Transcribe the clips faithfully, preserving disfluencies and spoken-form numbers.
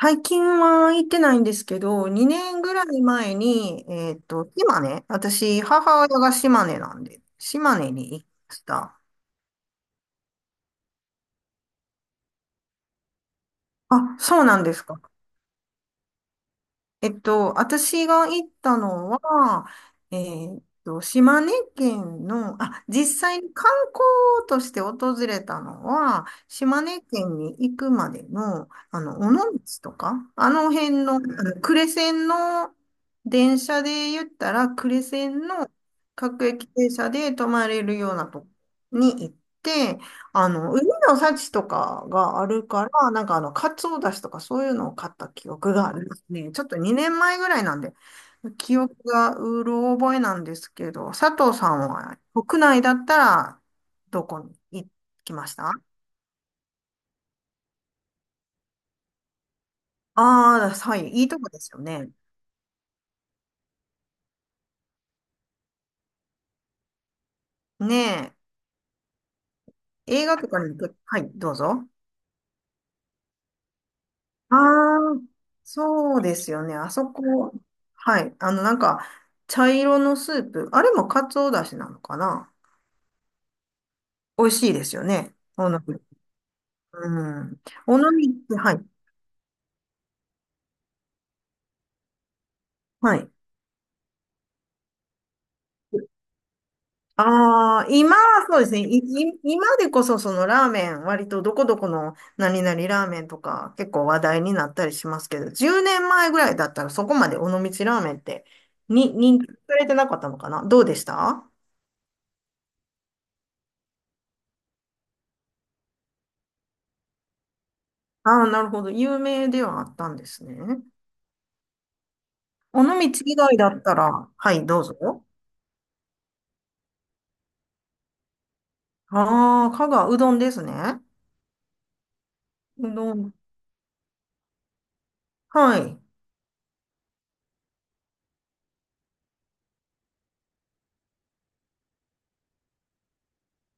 最近は行ってないんですけど、にねんぐらい前に、えっと、島根、私、母親が島根なんで、島根に行きました。あ、そうなんですか。えっと、私が行ったのは、えーっと、島根県の、あ、実際に観光として訪れたのは、島根県に行くまでの、あの、尾道とか、あの辺の、あの呉線の電車で言ったら、呉線の各駅停車で泊まれるようなとこに行って、あの、海の幸とかがあるから、なんかあの、カツオだしとかそういうのを買った記憶がありますね。ちょっとにねんまえぐらいなんで、記憶がうろ覚えなんですけど、佐藤さんは国内だったらどこに行きましたあ？あー、はい、いいとこですよね。ねえ、映画とかに行く、はい、どうぞ。ああ、そうですよね。あそこ、はい、あの、なんか、茶色のスープ、あれもカツオだしなのかな？美味しいですよね。おのり。うん。おのりって、はい。はい。ああ、今はそうですね。い、い今でこそそのラーメン、割とどこどこの何々ラーメンとか結構話題になったりしますけど、じゅうねんまえぐらいだったらそこまで尾道ラーメンってに認知されてなかったのかな、どうでしたああー、なるほど。有名ではあったんですね。尾道以外だったら、はい、どうぞ。ああ、香川、うどんですね。うどん。はい。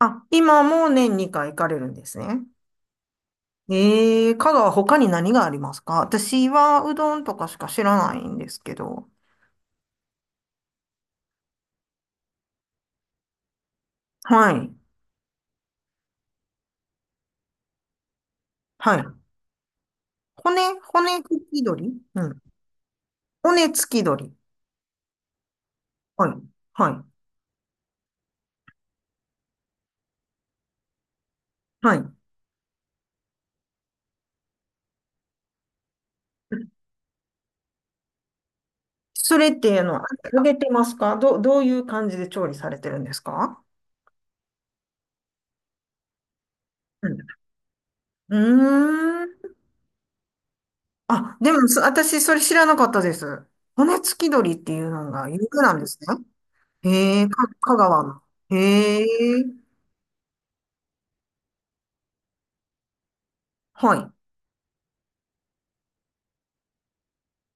あ、今も年にかい行かれるんですね。えー、香川他に何がありますか？私はうどんとかしか知らないんですけど。はい。はい。骨、骨付き鳥うん。骨付き鳥。はい。はい。はい。それって、あの、揚げてますか？ど、どういう感じで調理されてるんですか？うん。うーん。あ、でも、そ私、それ知らなかったです。骨付き鳥っていうのが有名なんですね。へえ、か、香川の。へえ。はい。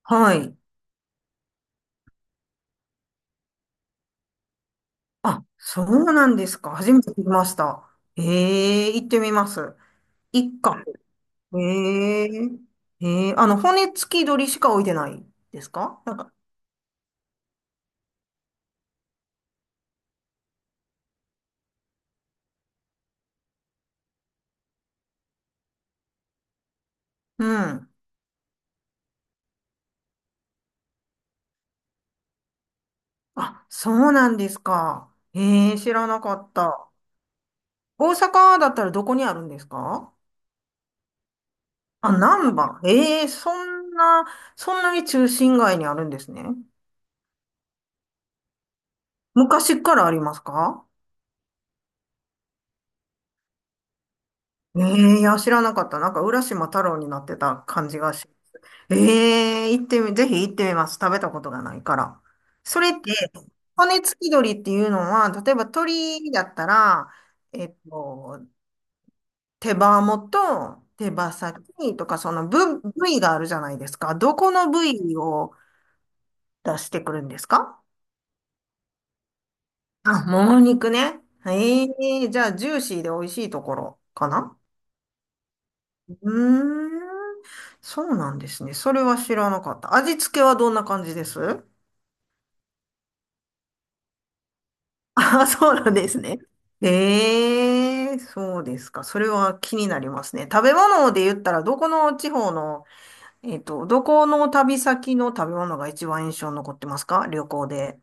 はい。あ、そうなんですか。初めて聞きました。ええ行ってみます。一か、ええええあの、骨付き鳥しか置いてないですか？なんか、うん。あ、そうなんですか。ええ知らなかった。大阪だったらどこにあるんですか？あ、難波。ええそんな、そんなに中心街にあるんですね。昔からありますか？ええいや、知らなかった。なんか、浦島太郎になってた感じがしええ行ってみ、ぜひ行ってみます。食べたことがないから。それって、骨付き鳥っていうのは、例えば鳥だったら、えっと、手羽元、手羽先とか、その部、部位があるじゃないですか。どこの部位を出してくるんですか？あ、もも肉ね。ええじゃあ、ジューシーで美味しいところかな？うーん、そうなんですね。それは知らなかった。味付けはどんな感じです？ああ、そうなんですね。ええ、そうですか。それは気になりますね。食べ物で言ったら、どこの地方の、えっと、どこの旅先の食べ物が一番印象に残ってますか？旅行で。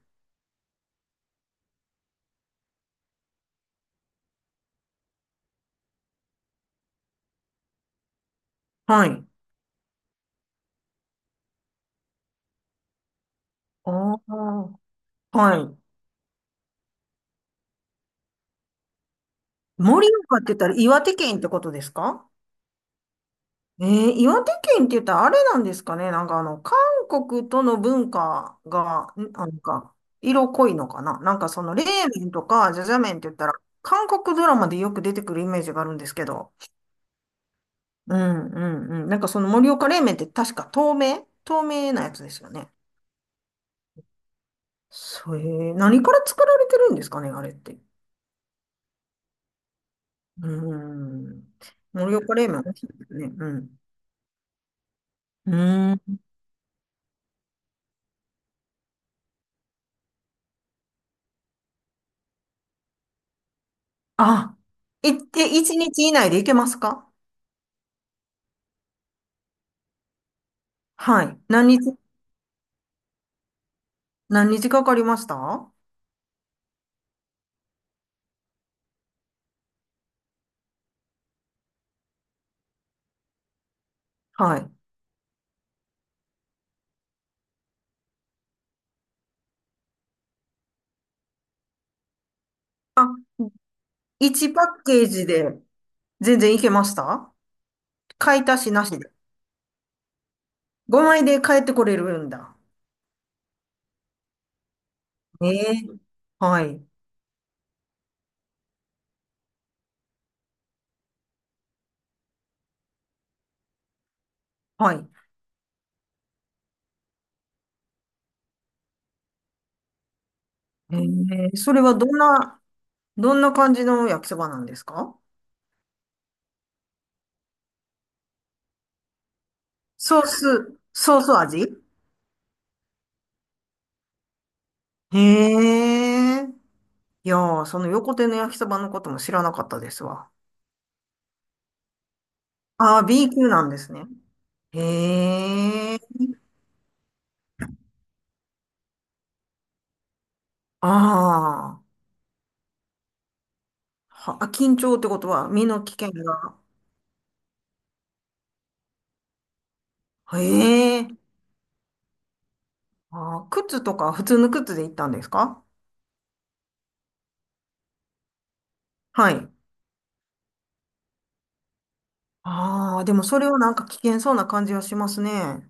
はい。ああ、はい。盛岡って言ったら岩手県ってことですか？えー、岩手県って言ったらあれなんですかね。なんかあの、韓国との文化が、んなんか、色濃いのかな。なんかその、冷麺とか、じゃじゃ麺って言ったら、韓国ドラマでよく出てくるイメージがあるんですけど。うんうんうん。なんかその盛岡冷麺って確か透明透明なやつですよね。それ、何から作られてるんですかね、あれって。うん。盛岡冷麺美味しいですね。うん。うん。あ、いって、え一日以内でいけますか？はい。何日何日かかりました？はい。あ、いちパッケージで全然いけました？買い足しなしで。ごまいで帰ってこれるんだ。ええはい。はい。ええそれはどんな、どんな感じの焼きそばなんですか？ソース、ソース味？へえ。いやー、その横手の焼きそばのことも知らなかったですわ。ああ、B 級なんですね。へえ。ああ。は、緊張ってことは身の危険が。へえ。あー、靴とか普通の靴で行ったんですか？はい。ああ、でもそれはなんか危険そうな感じはしますね。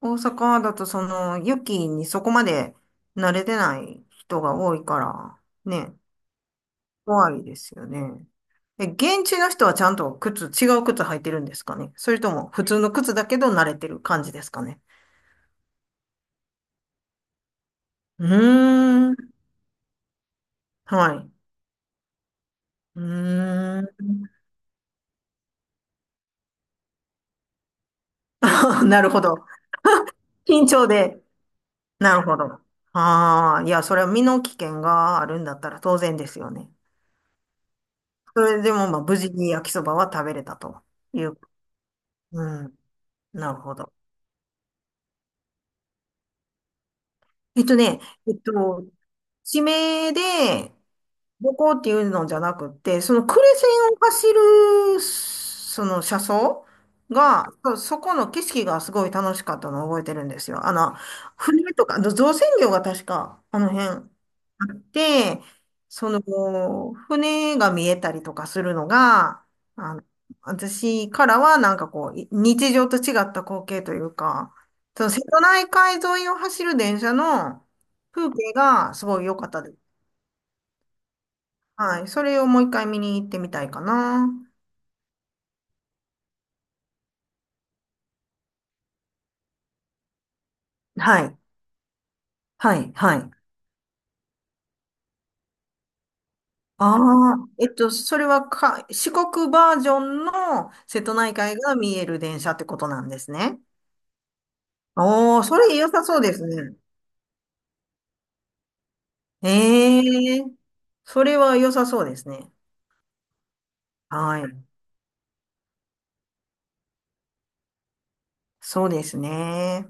大阪だとその雪にそこまで慣れてない人が多いから、ね、怖いですよね。え、現地の人はちゃんと靴、違う靴履いてるんですかね？それとも普通の靴だけど慣れてる感じですかね？うーん。はい。うーん。なるほど。緊張で。なるほど。ああ、いや、それは身の危険があるんだったら当然ですよね。それでも、まあ、無事に焼きそばは食べれたという。うん。なるほど。えっとね、えっと、地名でどこっていうのじゃなくて、その呉線を走る、その車窓が、そそこの景色がすごい楽しかったのを覚えてるんですよ。あの、船とか、あの造船業が確か、あの辺。あって、その、船が見えたりとかするのが、あの、私からはなんかこう、い日常と違った光景というか、その瀬戸内海沿いを走る電車の風景がすごい良かったです。はい。それをもう一回見に行ってみたいかな。はい。はい。はい。ああ、えっと、それはか、四国バージョンの瀬戸内海が見える電車ってことなんですね。おー、それ良さそうですね。ええそれは良さそうですね。はい。そうですね。